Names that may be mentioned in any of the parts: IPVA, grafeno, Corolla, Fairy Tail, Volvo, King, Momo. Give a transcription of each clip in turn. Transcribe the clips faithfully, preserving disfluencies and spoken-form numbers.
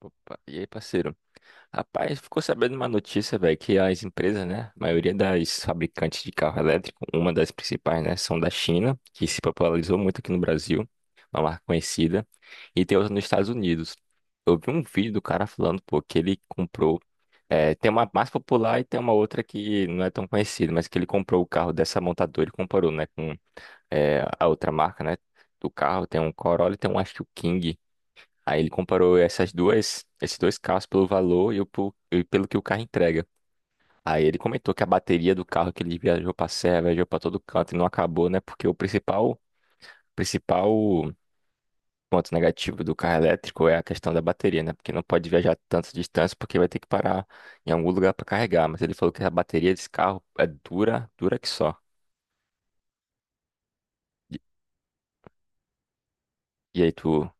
Opa, e aí, parceiro? Rapaz, ficou sabendo uma notícia, velho, que as empresas, né, a maioria das fabricantes de carro elétrico, uma das principais, né, são da China, que se popularizou muito aqui no Brasil, uma marca conhecida, e tem outra nos Estados Unidos. Eu vi um vídeo do cara falando, pô, que ele comprou, é, tem uma mais popular e tem uma outra que não é tão conhecida, mas que ele comprou o carro dessa montadora e comparou, né, com, é, a outra marca, né, do carro, tem um Corolla e tem um, acho que o King. Aí ele comparou essas duas, esses dois carros pelo valor e, o po- e pelo que o carro entrega. Aí ele comentou que a bateria do carro que ele viajou para serra, viajou para todo canto e não acabou, né? Porque o principal, principal ponto negativo do carro elétrico é a questão da bateria, né? Porque não pode viajar tantas distâncias porque vai ter que parar em algum lugar para carregar. Mas ele falou que a bateria desse carro é dura, dura que só. E, e aí tu.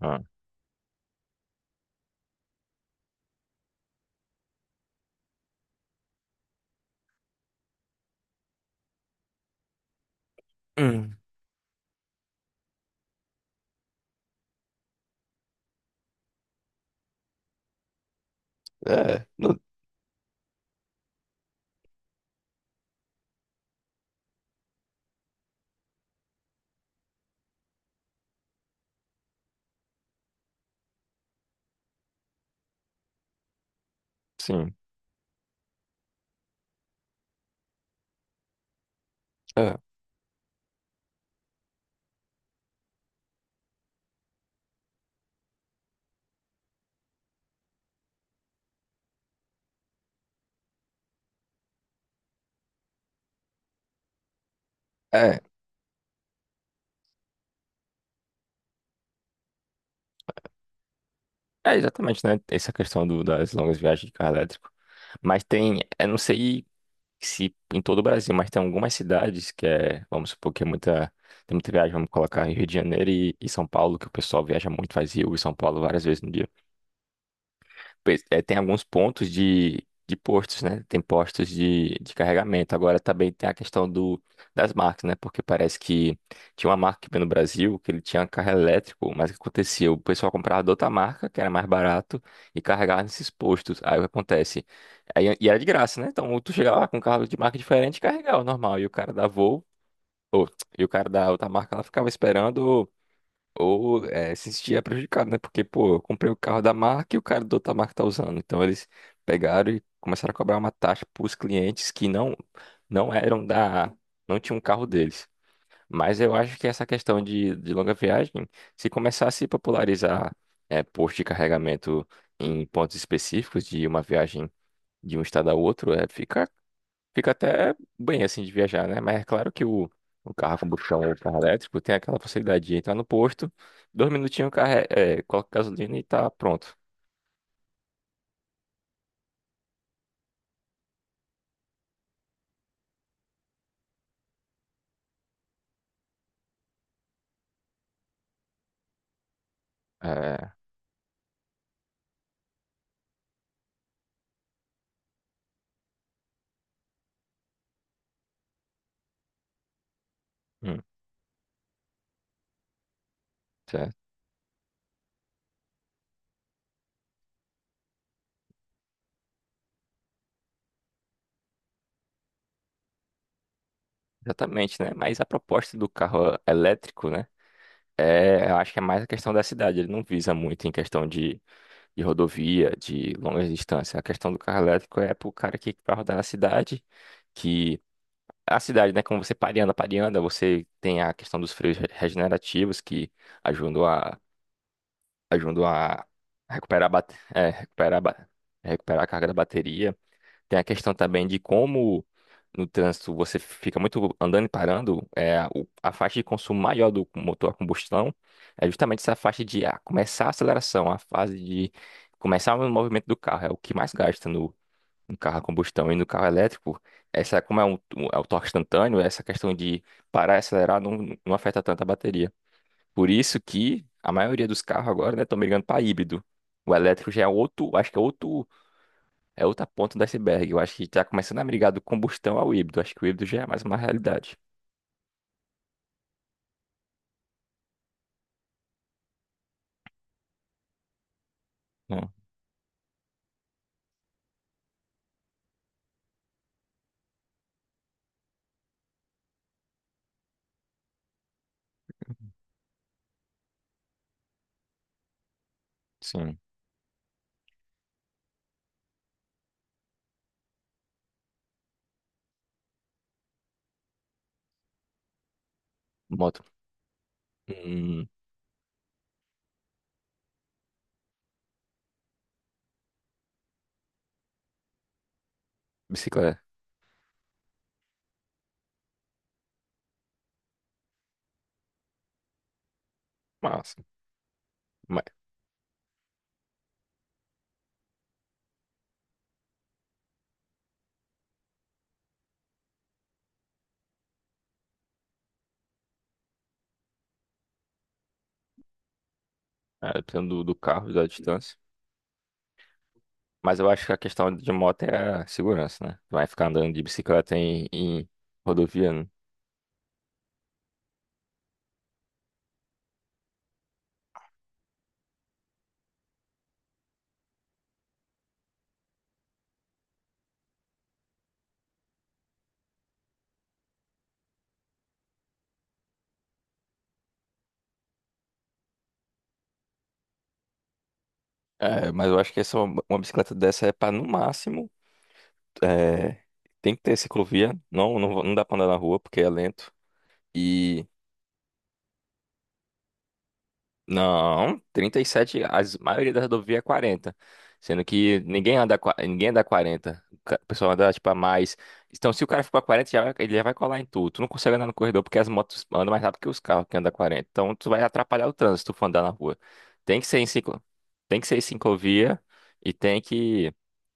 Ah. Hum. É, não, sim. É. É, exatamente, né? Essa questão do- das longas viagens de carro elétrico. Mas tem, eu não sei se em todo o Brasil, mas tem algumas cidades que é, vamos supor que é muita, tem muita viagem, vamos colocar Rio de Janeiro e, e São Paulo, que o pessoal viaja muito, faz Rio e São Paulo várias vezes no dia pe- é, tem alguns pontos de, de postos, né? Tem postos de, de carregamento. Agora também tem a questão do, das marcas, né? Porque parece que tinha uma marca aqui no Brasil que ele tinha carro elétrico, mas o que acontecia? O pessoal comprava de outra marca, que era mais barato, e carregava nesses postos. Aí o que acontece? Aí, e era de graça, né? Então tu chegava lá com um carro de marca diferente e carregava o normal. E o cara da Volvo, ou, e o cara da outra marca, ela ficava esperando. Ou é, se sentia prejudicado, né? Porque, pô, eu comprei o carro da marca e o cara da outra marca tá usando. Então eles pegaram e começaram a cobrar uma taxa para os clientes que não não eram da, não tinham um carro deles. Mas eu acho que essa questão de, de longa viagem, se começar a se popularizar é, posto de carregamento em pontos específicos de uma viagem de um estado a outro, é, fica fica até bem assim de viajar, né? Mas é claro que o, o carro a combustão ou o carro elétrico tem aquela facilidade de entrar no posto, dois minutinhos o carro é, é, coloca gasolina e tá pronto. É, hum, certo. Exatamente, né? Mas a proposta do carro elétrico, né? É, eu acho que é mais a questão da cidade. Ele não visa muito em questão de, de rodovia, de longas distâncias. A questão do carro elétrico é pro cara que vai rodar na cidade. Que a cidade, né? Como você pareando, pareando, você tem a questão dos freios re- regenerativos que ajudam a, ajudam a recuperar, a bate- é, recuperar, a ba- recuperar a carga da bateria. Tem a questão também de como no trânsito você fica muito andando e parando, é, o- a faixa de consumo maior do motor a combustão é justamente essa faixa de ah, começar a aceleração, a fase de começar o movimento do carro, é o que mais gasta no carro a combustão, e no carro elétrico, essa como é, um, um- é o torque instantâneo, essa questão de parar e acelerar não, não afeta tanto a bateria. Por isso que a maioria dos carros agora, né, estão migrando para híbrido. O elétrico já é outro, acho que é outro, é outra ponta do iceberg. Eu acho que está começando a migrar do combustão ao híbrido. Acho que o híbrido já é mais uma realidade. Não, sim. Moto. Hum, bicicleta. Massa. Mas, é, dependendo do, do carro, da distância. Mas eu acho que a questão de moto é a segurança, né? Vai ficar andando de bicicleta em, em rodovia, né? É, mas eu acho que essa, uma bicicleta dessa é para no máximo. é, Tem que ter ciclovia. Não, não, não dá pra andar na rua porque é lento. Não, trinta e sete. A maioria da rodovia é quarenta. Sendo que ninguém anda, qua- ninguém anda quarenta. O ca- o pessoal anda, tipo, a mais. Então, se o cara ficou a quarenta, já vai- ele já vai colar em tudo. Tu não consegue andar no corredor porque as motos andam mais rápido que os carros que andam a quarenta. Então, tu vai atrapalhar o trânsito se tu for andar na rua. Tem que ser em ciclo, tem que ser em ciclovia e tem que,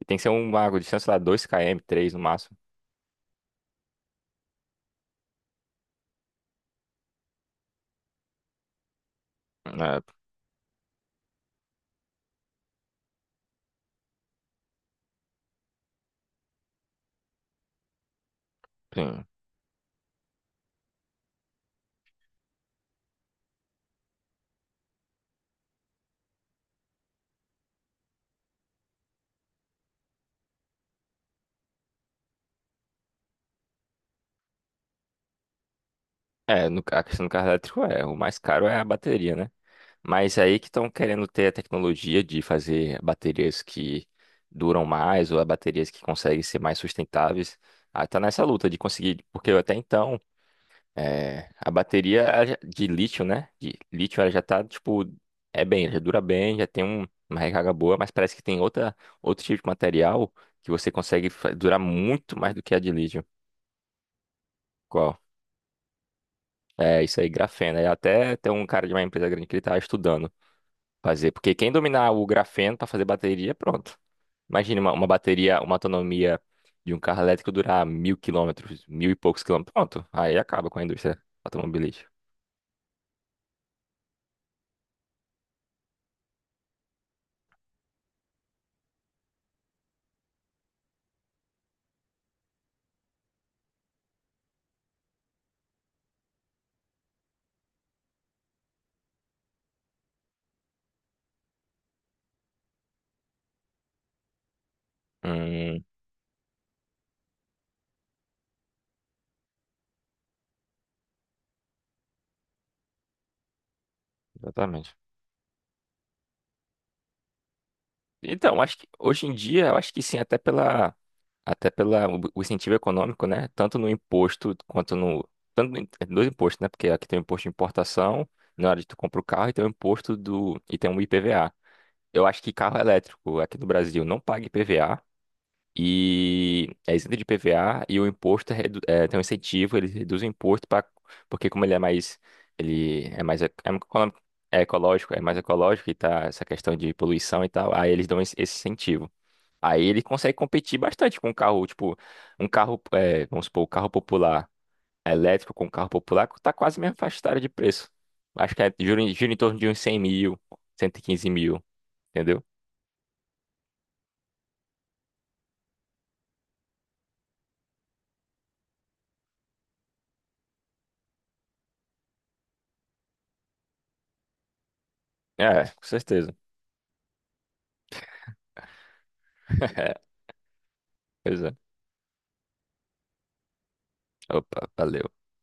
e tem que ser uma distância sei lá, dois quilômetros, três no máximo. É, sim. É, no, a questão do carro elétrico é, o mais caro é a bateria, né? Mas aí que estão querendo ter a tecnologia de fazer baterias que duram mais ou baterias que conseguem ser mais sustentáveis. Aí tá nessa luta de conseguir, porque até então eh, a bateria ela já- de lítio, né? De lítio ela já tá tipo é bem, já dura bem, já tem um- uma recarga boa, mas parece que tem outra outro tipo de material que você consegue fa- durar muito mais do que a de lítio. Qual? É isso aí, grafeno. Aí até tem um cara de uma empresa grande que ele tá estudando. Fazer. Porque quem dominar o grafeno para fazer bateria, pronto. Imagina uma, uma bateria, uma autonomia de um carro elétrico durar mil quilômetros, mil e poucos quilômetros. Pronto. Aí acaba com a indústria automobilística. Hum, exatamente. Então, acho que hoje em dia, eu acho que sim, até pela, até pela o, o incentivo econômico, né? Tanto no imposto quanto no, tanto no, dois impostos, né? Porque aqui tem o imposto de importação, na hora de tu compra o carro, e tem o imposto do, e tem o ipeva. Eu acho que carro elétrico aqui no Brasil não paga ipeva, e é isento de P V A, e o imposto é, redu- é, tem um incentivo, ele reduz o imposto para porque como ele é mais ele é mais ec- é, um econômico- é ecológico, é mais ecológico e tá essa questão de poluição e tal, aí eles dão esse esse incentivo. Aí ele consegue competir bastante com um carro, tipo, um carro, é, vamos supor, o carro popular elétrico com um carro popular tá quase mesmo faixa etária de preço. Acho que é, gira, em- gira em torno de uns cem mil, cento e quinze mil, entendeu? É, com certeza. Pois é. Opa, valeu.